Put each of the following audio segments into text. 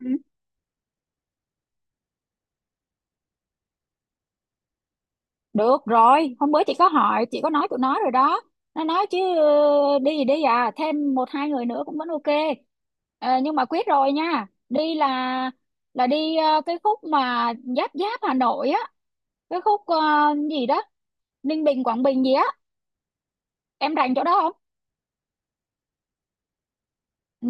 Ừ. Được rồi, hôm bữa chị có hỏi, chị có nói tụi nó rồi đó. Nó nói chứ đi thì đi thêm một hai người nữa cũng vẫn ok. Ờ, nhưng mà quyết rồi nha. Đi là đi cái khúc mà giáp giáp Hà Nội á, cái khúc gì đó, Ninh Bình Quảng Bình gì á, em rành chỗ đó không? Ừ,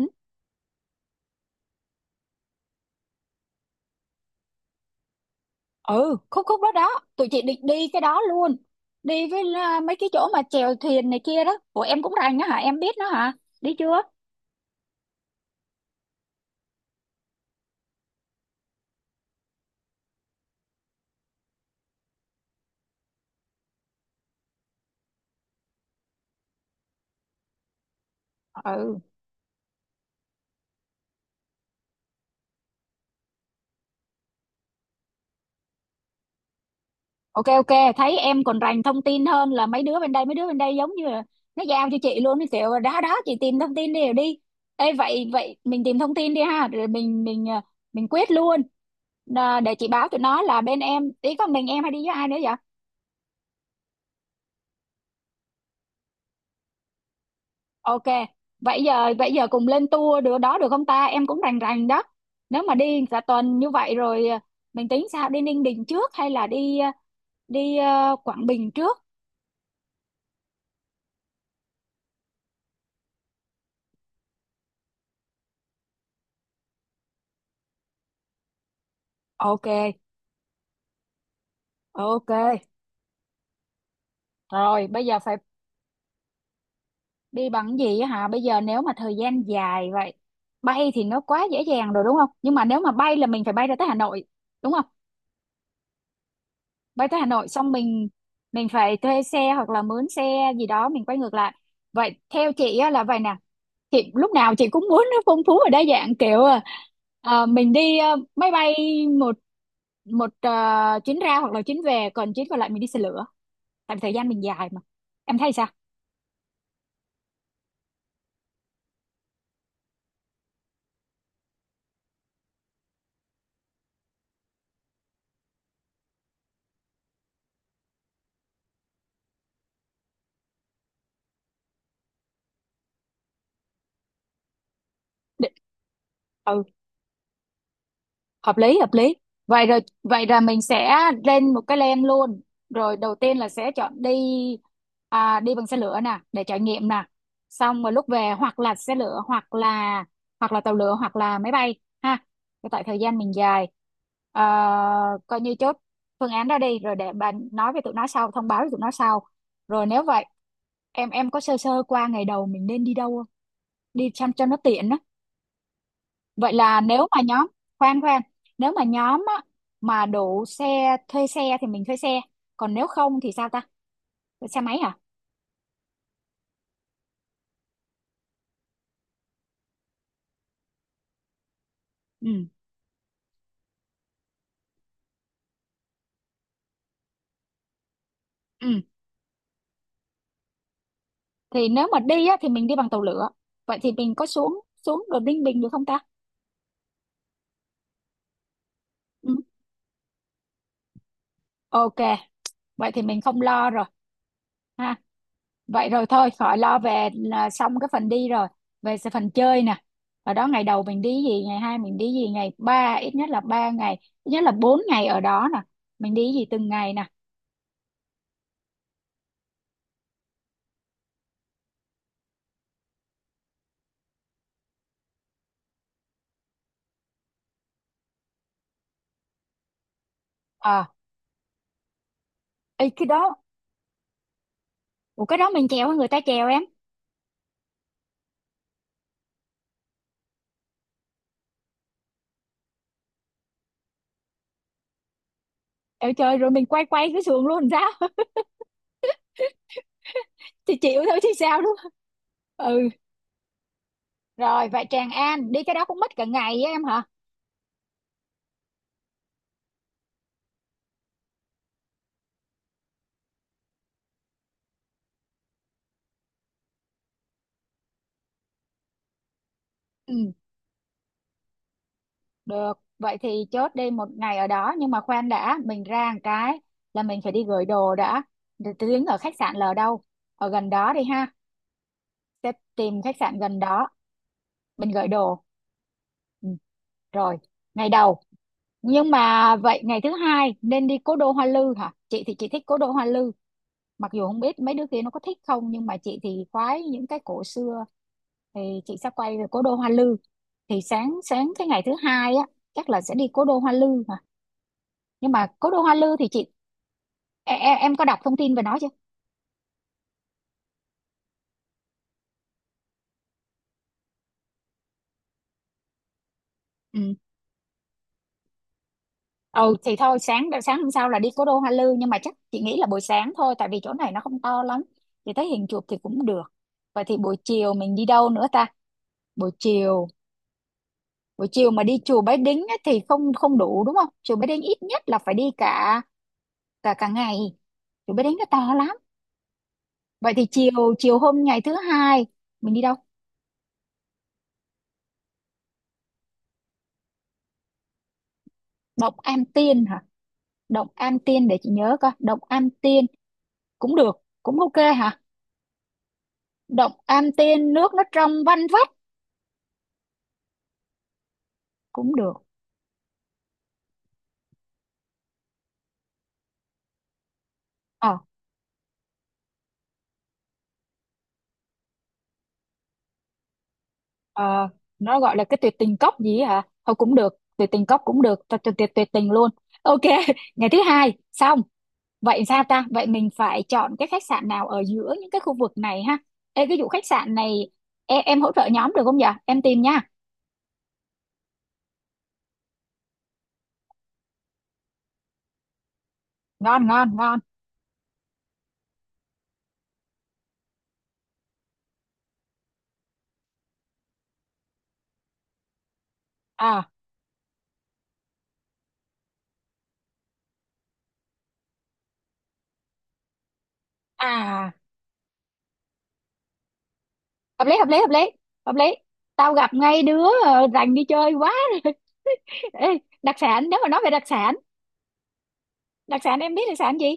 ừ khúc khúc đó đó, tụi chị định đi cái đó luôn. Đi với mấy cái chỗ mà chèo thuyền này kia đó. Ủa em cũng rành á hả? Em biết nó hả? Đi chưa? Ừ. Ok, ok, thấy em còn rành thông tin hơn là mấy đứa bên đây giống như là nó giao cho chị luôn cái kiểu đó đó, chị tìm thông tin đi rồi đi. Ê, vậy vậy mình tìm thông tin đi ha, rồi mình mình quyết luôn. Ờ, để chị báo tụi nó là bên em ý con mình, em hay đi với ai nữa vậy? Ok, vậy giờ cùng lên tour được đó, được không ta, em cũng rành rành đó. Nếu mà đi cả tuần như vậy rồi mình tính sao, đi Ninh Bình trước hay là đi đi Quảng Bình trước? Ok, ok, rồi bây giờ phải đi bằng gì á hả? Bây giờ nếu mà thời gian dài vậy, bay thì nó quá dễ dàng rồi đúng không, nhưng mà nếu mà bay là mình phải bay ra tới Hà Nội đúng không? Bay tới Hà Nội xong mình phải thuê xe hoặc là mướn xe gì đó, mình quay ngược lại. Vậy theo chị á, là vậy nè, chị lúc nào chị cũng muốn nó phong phú và đa dạng kiểu mình đi máy bay một một chuyến ra hoặc là chuyến về, còn chuyến còn lại mình đi xe lửa, tại vì thời gian mình dài mà. Em thấy sao? Định- Hợp lý, hợp lý. Vậy rồi vậy là mình sẽ lên một cái plan luôn. Rồi đầu tiên là sẽ chọn đi đi bằng xe lửa nè để trải nghiệm nè, xong rồi lúc về hoặc là xe lửa hoặc là tàu lửa hoặc là máy bay ha. Cái tại thời gian mình dài. Ờ, coi như chốt phương án đó đi, rồi để bạn nói với tụi nó sau, thông báo với tụi nó sau. Rồi nếu vậy, em có sơ sơ qua ngày đầu mình nên đi đâu không, đi chăm cho nó tiện á? Vậy là nếu mà nhóm, khoan khoan, nếu mà nhóm á, mà đủ xe thuê xe thì mình thuê xe, còn nếu không thì sao ta? Thuê xe máy à? Ừ. Ừ. Thì nếu mà đi á, thì mình đi bằng tàu lửa. Vậy thì mình có xuống xuống đồn Ninh Bình được không ta? Ừ. Ok, vậy thì mình không lo rồi ha. Vậy rồi thôi, khỏi lo về, là xong cái phần đi rồi. Về sẽ phần chơi nè. Ở đó ngày đầu mình đi gì, ngày hai mình đi gì, ngày ba, ít nhất là 3 ngày, ít nhất là 4 ngày ở đó nè. Mình đi gì từng ngày nè. À, ê cái đó, ủa cái đó mình treo, người ta treo em? Trời trời, rồi mình quay quay cái sườn luôn sao? Thì chịu thôi chứ sao đúng không? Ừ. Rồi vậy Tràng An đi cái đó cũng mất cả ngày á em hả? Ừ, được. Vậy thì chốt đi một ngày ở đó, nhưng mà khoan đã, mình ra một cái là mình phải đi gửi đồ đã. Để tiếng ở khách sạn là ở đâu, ở gần đó đi ha, sẽ tìm khách sạn gần đó, mình gửi đồ. Ừ. Rồi ngày đầu. Nhưng mà vậy ngày thứ hai nên đi cố đô Hoa Lư hả, chị thì chị thích cố đô Hoa Lư, mặc dù không biết mấy đứa kia nó có thích không, nhưng mà chị thì khoái những cái cổ xưa, thì chị sẽ quay về cố đô Hoa Lư. Thì sáng sáng cái ngày thứ hai á chắc là sẽ đi cố đô Hoa Lư mà. Nhưng mà cố đô Hoa Lư thì chị, em có đọc thông tin về nó chưa? Ừ. Ừ thì thôi, sáng sáng hôm sau là đi cố đô Hoa Lư, nhưng mà chắc chị nghĩ là buổi sáng thôi, tại vì chỗ này nó không to lắm, chị thấy hình chụp thì cũng được. Vậy thì buổi chiều mình đi đâu nữa ta? Buổi chiều, buổi chiều mà đi chùa Bái Đính á, thì không không đủ đúng không, chùa Bái Đính ít nhất là phải đi cả cả cả ngày, tụi bé đánh nó to lắm. Vậy thì chiều chiều hôm ngày thứ hai mình đi đâu? Động Am Tiên hả? Động Am Tiên, để chị nhớ coi, động Am Tiên cũng được, cũng ok hả, động Am Tiên nước nó trong vanh vách, cũng được. ờ ờ, nó gọi là cái tuyệt tình cốc gì ấy hả, thôi cũng được, tuyệt tình cốc cũng được, cho tuyệt tuyệt tình luôn. Ok. Ngày thứ hai xong. Vậy sao ta? Vậy mình phải chọn cái khách sạn nào ở giữa những cái khu vực này ha? Ê, cái vụ khách sạn này, em hỗ trợ nhóm được không nhở? Em tìm nha. Ngon, ngon, ngon. À, à, hợp lý, hợp lý. Tao gặp ngay đứa rành đi chơi quá rồi. Ê, đặc sản, nếu mà nói về đặc sản em biết đặc sản gì?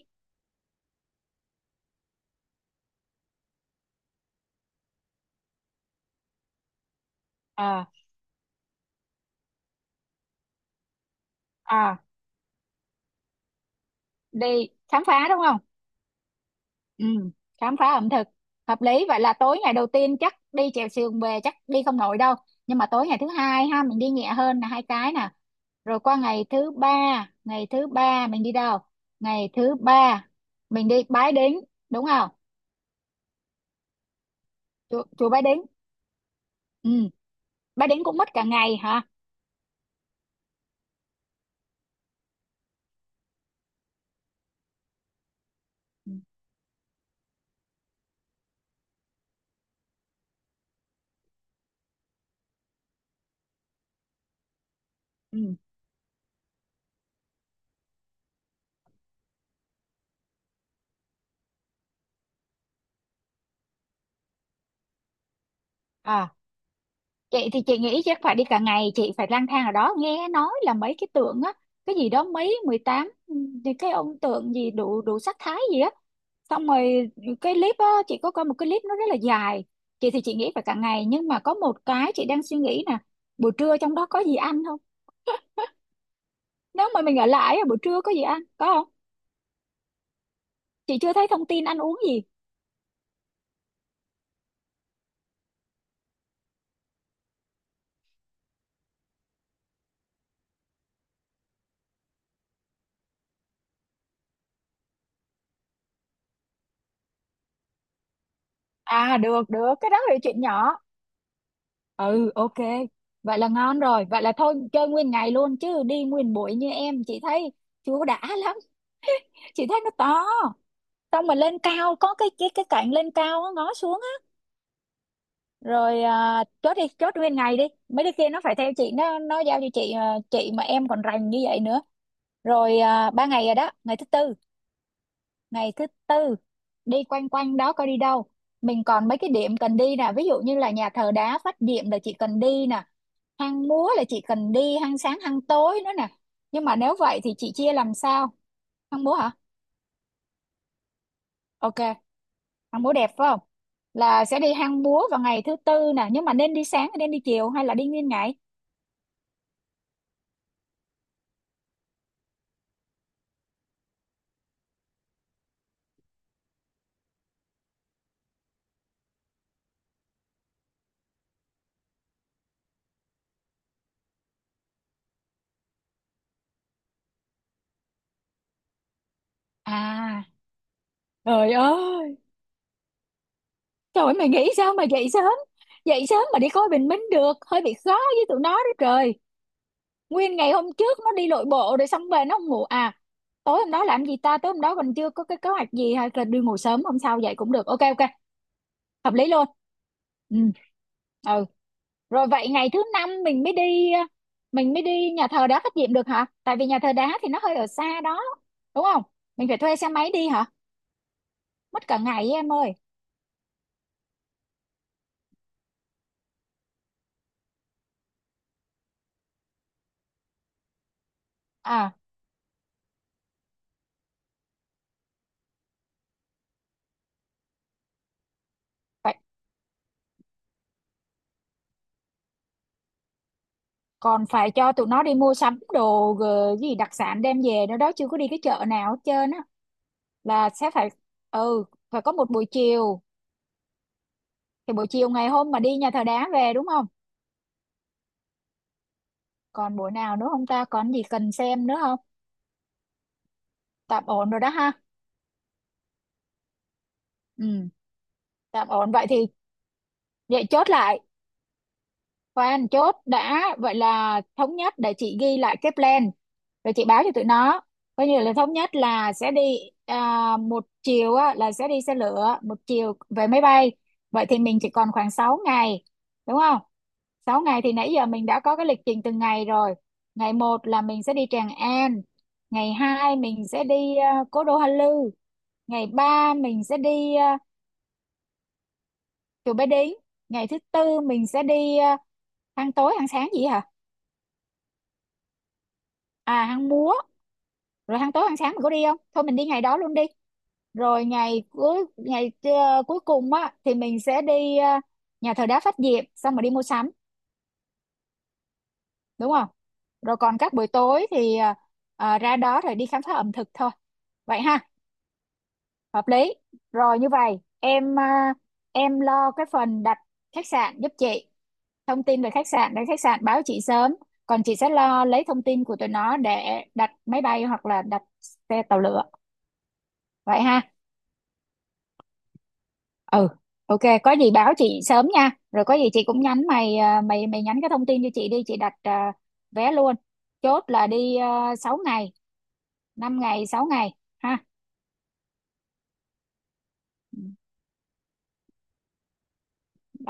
À, à, đi khám phá đúng không? Ừ, khám phá ẩm thực. Hợp lý, vậy là tối ngày đầu tiên chắc đi chèo sườn về chắc đi không nổi đâu. Nhưng mà tối ngày thứ hai ha, mình đi nhẹ hơn là hai cái nè. Rồi qua ngày thứ ba, ngày thứ ba mình đi đâu? Ngày thứ ba mình đi Bái Đính đúng không? Chùa, chùa Bái Đính. Ừ. Bái Đính cũng mất cả ngày hả? Ừ. Ừ. À, chị thì chị nghĩ chắc phải đi cả ngày, chị phải lang thang ở đó, nghe nói là mấy cái tượng á, cái gì đó, mấy 18 thì cái ông tượng gì đủ đủ sắc thái gì á. Xong rồi cái clip á, chị có coi một cái clip nó rất là dài. Chị thì chị nghĩ phải cả ngày, nhưng mà có một cái chị đang suy nghĩ nè, buổi trưa trong đó có gì ăn không? Nếu mà mình ở lại á, buổi trưa có gì ăn có không? Chị chưa thấy thông tin ăn uống gì. À được, được, cái đó là chuyện nhỏ. Ừ, ok. Vậy là ngon rồi, vậy là thôi chơi nguyên ngày luôn, chứ đi nguyên buổi như em chị thấy chưa có đã lắm. Chị thấy nó to, xong mà lên cao có cái cái cạnh lên cao á, ngó xuống á. Rồi à, chốt đi, chốt nguyên ngày đi, mấy đứa kia nó phải theo chị, nó giao cho chị à, chị mà em còn rành như vậy nữa. Rồi à, ba ngày rồi đó. Ngày thứ tư, ngày thứ tư đi quanh quanh đó coi đi đâu. Mình còn mấy cái điểm cần đi nè, ví dụ như là nhà thờ đá Phát Diệm là chị cần đi nè, hang múa là chị cần đi, hang sáng hang tối nữa nè. Nhưng mà nếu vậy thì chị chia làm sao? Hang múa hả? Ok, hang múa đẹp phải không, là sẽ đi hang múa vào ngày thứ tư nè, nhưng mà nên đi sáng hay nên đi chiều hay là đi nguyên ngày? À, trời ơi, trời ơi mày nghĩ sao mà dậy sớm, dậy sớm mà đi coi bình minh được, hơi bị khó với tụi nó đó trời. Nguyên ngày hôm trước nó đi lội bộ rồi, xong về nó không ngủ à? Tối hôm đó làm gì ta, tối hôm đó mình chưa có cái kế hoạch gì, hay là đi ngủ sớm hôm sau dậy cũng được, ok ok, hợp lý luôn. Ừ. Ừ. Rồi vậy ngày thứ năm mình mới đi mình mới đi nhà thờ đá Phát Diệm được hả, tại vì nhà thờ đá thì nó hơi ở xa đó đúng không, mình phải thuê xe máy đi hả? Mất cả ngày ấy, em ơi. À, còn phải cho tụi nó đi mua sắm đồ gì đặc sản đem về nữa đó, chưa có đi cái chợ nào hết trơn á, là sẽ phải, ừ, phải có một buổi chiều, thì buổi chiều ngày hôm mà đi nhà thờ đá về đúng không? Còn buổi nào nữa không ta, còn gì cần xem nữa không? Tạm ổn rồi đó ha. Ừ. Tạm ổn vậy thì, vậy chốt lại, khoan chốt đã, vậy là thống nhất, để chị ghi lại cái plan rồi chị báo cho tụi nó. Coi như là thống nhất là sẽ đi à, một chiều á, là sẽ đi xe lửa, một chiều về máy bay. Vậy thì mình chỉ còn khoảng 6 ngày đúng không? 6 ngày thì nãy giờ mình đã có cái lịch trình từng ngày rồi. Ngày một là mình sẽ đi Tràng An, ngày 2 mình sẽ đi Cố Đô Hoa Lư, ngày 3 mình sẽ đi Chùa Bái Đính, ngày thứ tư mình sẽ đi ăn tối ăn sáng gì hả, à hang múa. Rồi hang tối hang sáng mình có đi không, thôi mình đi ngày đó luôn đi. Rồi ngày cuối, ngày cuối cùng á thì mình sẽ đi nhà thờ đá Phát Diệm xong rồi đi mua sắm đúng không? Rồi còn các buổi tối thì ra đó rồi đi khám phá ẩm thực thôi vậy ha. Hợp lý. Rồi như vậy em em lo cái phần đặt khách sạn giúp chị, thông tin về khách sạn để khách sạn báo chị sớm. Còn chị sẽ lo lấy thông tin của tụi nó để đặt máy bay hoặc là đặt xe tàu lửa vậy ha. Ừ. Ok, có gì báo chị sớm nha, rồi có gì chị cũng nhắn mày à, mày mày nhắn cái thông tin cho chị đi, chị đặt vé luôn. Chốt là đi, 6 ngày, 5 ngày 6 ngày ha. Ừ. Bye.